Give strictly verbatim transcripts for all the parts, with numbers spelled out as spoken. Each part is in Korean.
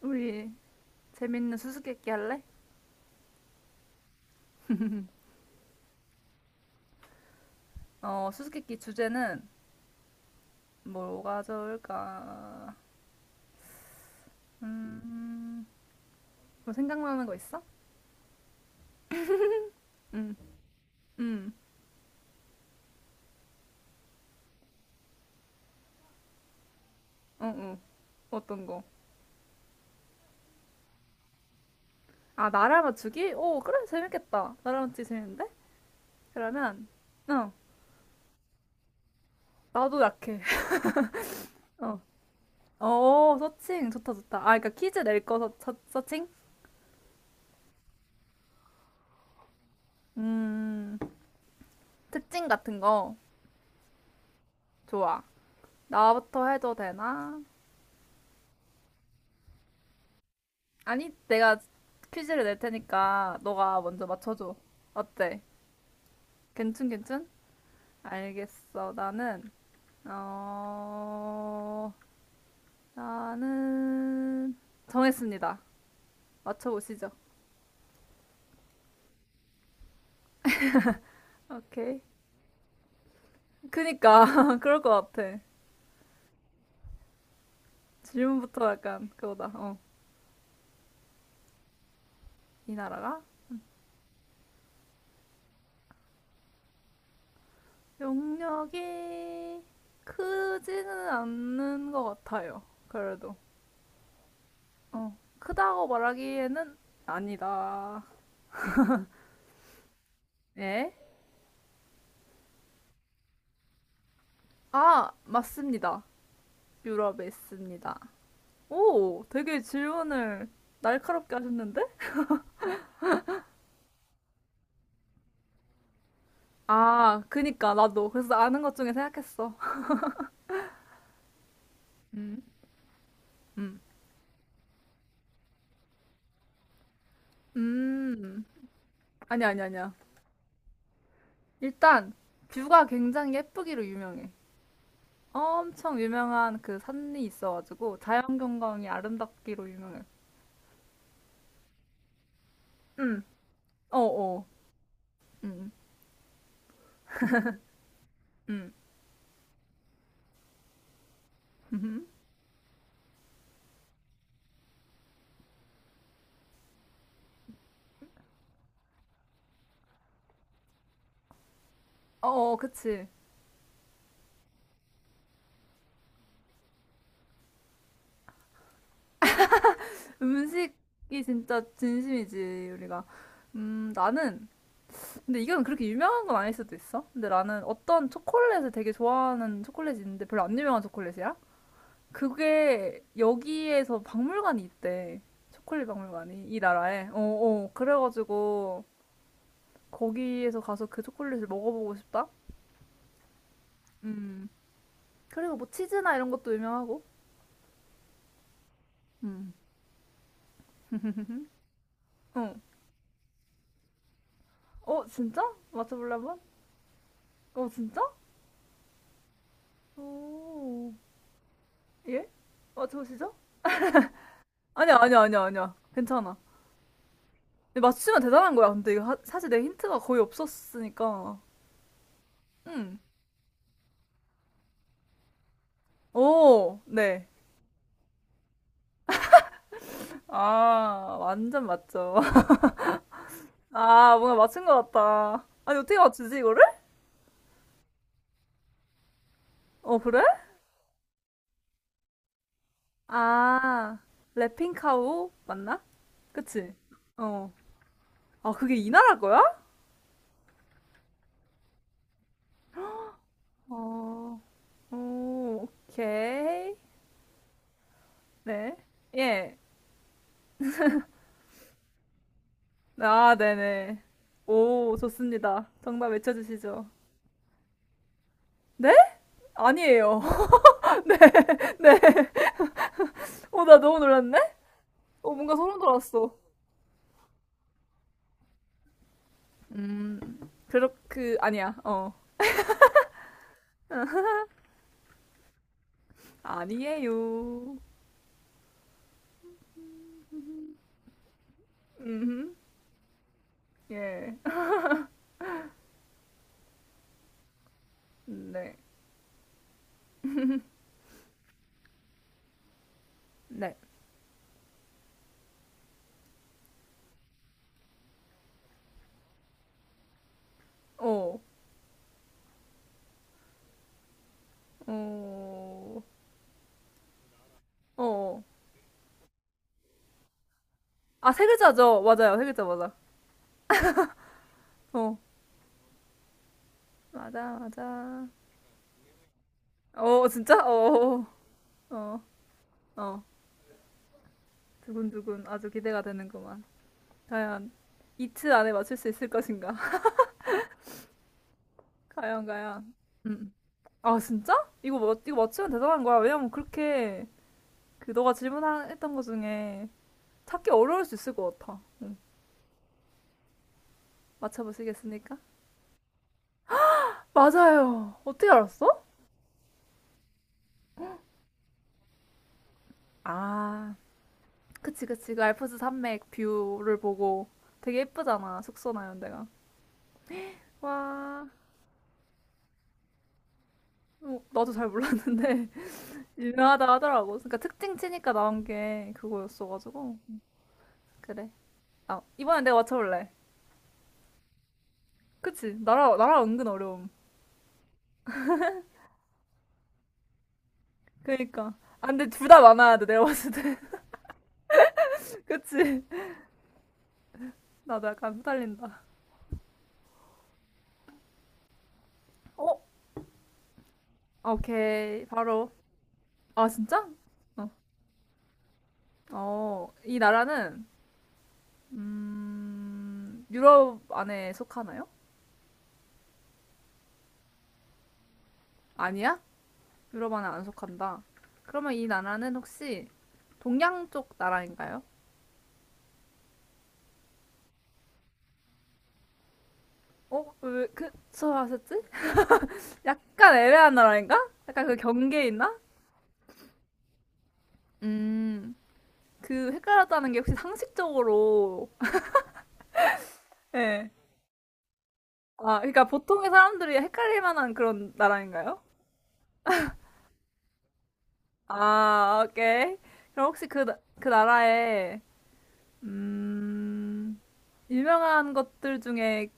우리 재밌는 수수께끼 할래? 어, 수수께끼 주제는 뭐가 좋을까? 음, 뭐 생각나는 거 있어? 응. 응. 어, 어. 어떤 거? 아, 나라 맞추기? 오, 그래, 재밌겠다. 나라 맞추기 재밌는데? 그러면, 어, 나도 약해. 어, 어, 서칭. 좋다, 좋다. 아, 그러니까 퀴즈 낼 거 서칭? 음, 특징 같은 거. 좋아. 나부터 해도 되나? 아니, 내가 퀴즈를 낼 테니까 너가 먼저 맞춰줘. 어때? 괜춘, 괜춘? 알겠어. 나는, 어, 나는, 정했습니다. 맞춰보시죠. 오케이. 그니까, 그럴 것 같아. 질문부터 약간 그거다. 어. 이 나라가 용력이 크지는 않는 것 같아요. 그래도. 어. 크다고 말하기에는 아니다. 예? 아, 맞습니다. 유럽에 있습니다. 오, 되게 질문을 날카롭게 하셨는데? 아, 그니까, 나도. 그래서 아는 것 중에 생각했어. 음. 음. 음. 아니야, 아니야, 아니야. 일단, 뷰가 굉장히 예쁘기로 유명해. 엄청 유명한 그 산이 있어가지고, 자연경관이 아름답기로 유명해. 음. 어어. 음. 음. 음. 어어, 그치. 음식이 진짜 진심이지, 우리가. 음, 나는 근데 이건 그렇게 유명한 건 아닐 수도 있어. 근데 나는 어떤 초콜릿을 되게 좋아하는 초콜릿이 있는데 별로 안 유명한 초콜릿이야? 그게 여기에서 박물관이 있대. 초콜릿 박물관이 이 나라에. 어, 어. 그래가지고 거기에서 가서 그 초콜릿을 먹어보고 싶다. 음. 그리고 뭐 치즈나 이런 것도 유명하고. 음. 어. 어, 진짜? 맞춰볼래 한번? 어, 진짜? 오. 예? 맞춰보시죠? 아니야, 아니야, 아니야, 아니야. 괜찮아. 근데 맞추면 대단한 거야. 근데 이거 하- 사실 내 힌트가 거의 없었으니까. 응. 오, 네. 아, 완전 맞죠. 아, 뭔가 맞춘 것 같다. 아니, 어떻게 맞추지, 이거를? 어, 그래? 아, 래핑카우 맞나? 그치? 어. 아, 그게 이 나라 거야? 어, 오, 오케이. 네. 예. 아, 네네. 오, 좋습니다. 정답 외쳐주시죠. 네? 아니에요. 네. 오, 나 너무 놀랐네. 어, 뭔가 소름 돋았어. 음, 그렇게, 아니야, 어. 아니에요. 음, 예. 네. 네. 어, 어, 어. 아, 세 글자죠? 맞아요, 세 글자 맞아. 어, 맞아, 맞아. 어, 진짜? 어, 어, 어. 두근두근 아주 기대가 되는구만. 과연 이틀 안에 맞출 수 있을 것인가? 과연, 과연. 음, 아, 진짜? 이거, 맞- 이거 맞추면 대단한 거야. 왜냐면 그렇게 그 너가 질문했던 것 중에 찾기 어려울 수 있을 것 같아. 응. 맞춰보시겠습니까? 맞아요. 어떻게 알았어? 아, 그치 그치. 그 알프스 산맥 뷰를 보고 되게 예쁘잖아. 숙소나 이런 데가. 와, 어, 나도 잘 몰랐는데 유명하다 하더라고. 그러니까 특징 치니까 나온 게 그거였어가지고 그래. 아, 이번엔 내가 맞춰볼래. 그치? 나라 나라 은근 어려움. 그러니까. 아, 근데 둘 다 많아야 돼. 내가 봤을 때. 그치? 나도 약간 후달린다. 어? 오케이, 바로. 아, 진짜? 어. 어, 이 나라는, 음, 유럽 안에 속하나요? 아니야? 유럽 안에 안 속한다. 그러면 이 나라는 혹시 동양 쪽 나라인가요? 어, 왜, 그, 저 하셨지? 약간 애매한 나라인가? 약간 그 경계에 있나? 음, 그 헷갈렸다는 게 혹시 상식적으로, 예. 아, 그러니까 보통의 사람들이 헷갈릴 만한 그런 나라인가요? 아, 오케이. 그럼 혹시 그, 나- 그 나라에, 음, 유명한 것들 중에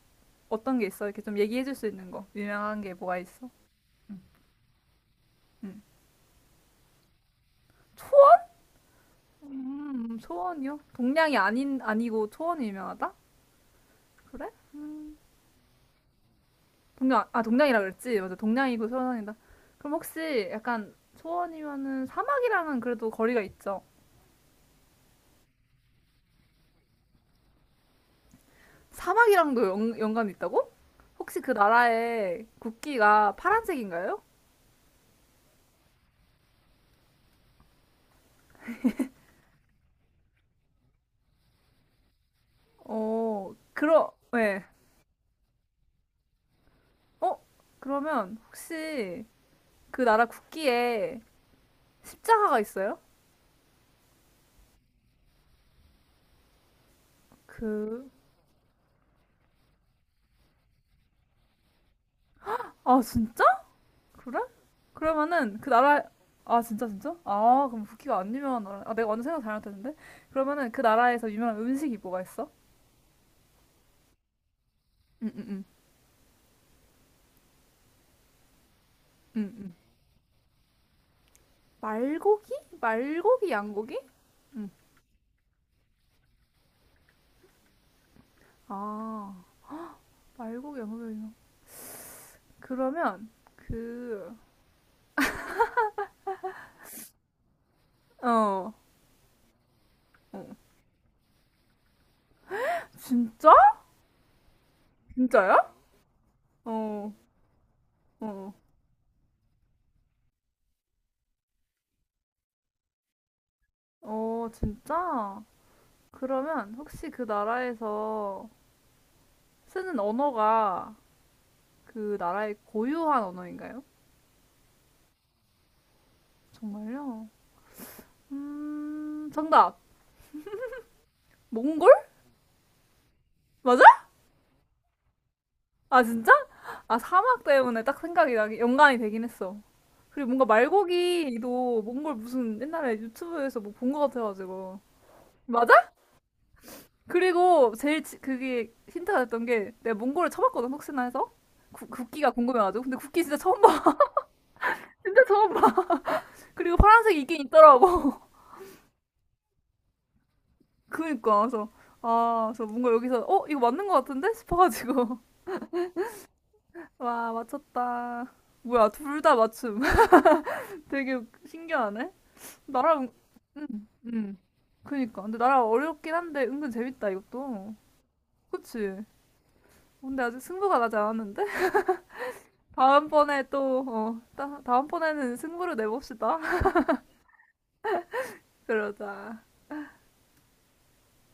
어떤 게 있어? 이렇게 좀 얘기해 줄 수 있는 거. 유명한 게 뭐가 있어? 음. 초원? 음, 초원이요? 동양이 아닌, 아니고 초원이 유명하다? 그래? 동양, 아, 동양이라 그랬지? 맞아, 동양이고 초원이다. 그럼 혹시 약간 초원이면은 사막이랑은 그래도 거리가 있죠? 사막이랑도 연, 연관이 있다고? 혹시 그 나라의 국기가 파란색인가요? 어, 그러, 예. 어? 그러면 혹시 그 나라 국기에 십자가가 있어요? 그, 아, 진짜? 그래? 그러면은 그 나라, 아, 진짜, 진짜? 아, 그럼 국기가 안 유명한 나라. 아, 내가 완전 생각 잘못했는데? 그러면은 그 나라에서 유명한 음식이 뭐가 있어? 응, 응, 응, 응, 응. 말고기? 말고기, 양고기? 응. 아, 말고기, 양고기. 유명. 그러면 그, 어, 어. 진짜? 진짜야? 어. 어. 어, 진짜? 그러면 혹시 그 나라에서 쓰는 언어가 그 나라의 고유한 언어인가요? 정말요? 음, 정답! 몽골? 맞아? 아, 진짜? 아, 사막 때문에 딱 생각이 나기, 연관이 되긴 했어. 그리고 뭔가 말고기도 몽골 무슨 옛날에 유튜브에서 뭐 본 것 같아가지고. 맞아? 그리고 제일 지- 그게 힌트가 됐던 게 내가 몽골을 쳐봤거든, 혹시나 해서. 국- 국기가 궁금해가지고. 근데 국기 진짜 처음 봐. 진짜 처음 봐. 그리고 파란색이 있긴 있더라고. 그니까 그래서 아, 그래서 뭔가 여기서 어 이거 맞는 것 같은데 싶어가지고 와 맞췄다. 뭐야 둘 다 맞춤. 되게 신기하네. 나랑 음, 음. 그니까 근데 나랑 어렵긴 한데 은근 재밌다 이것도. 그치? 근데 아직 승부가 나지 않았는데 다음번에 또 어, 따, 다음번에는 승부를 내봅시다. 그러자.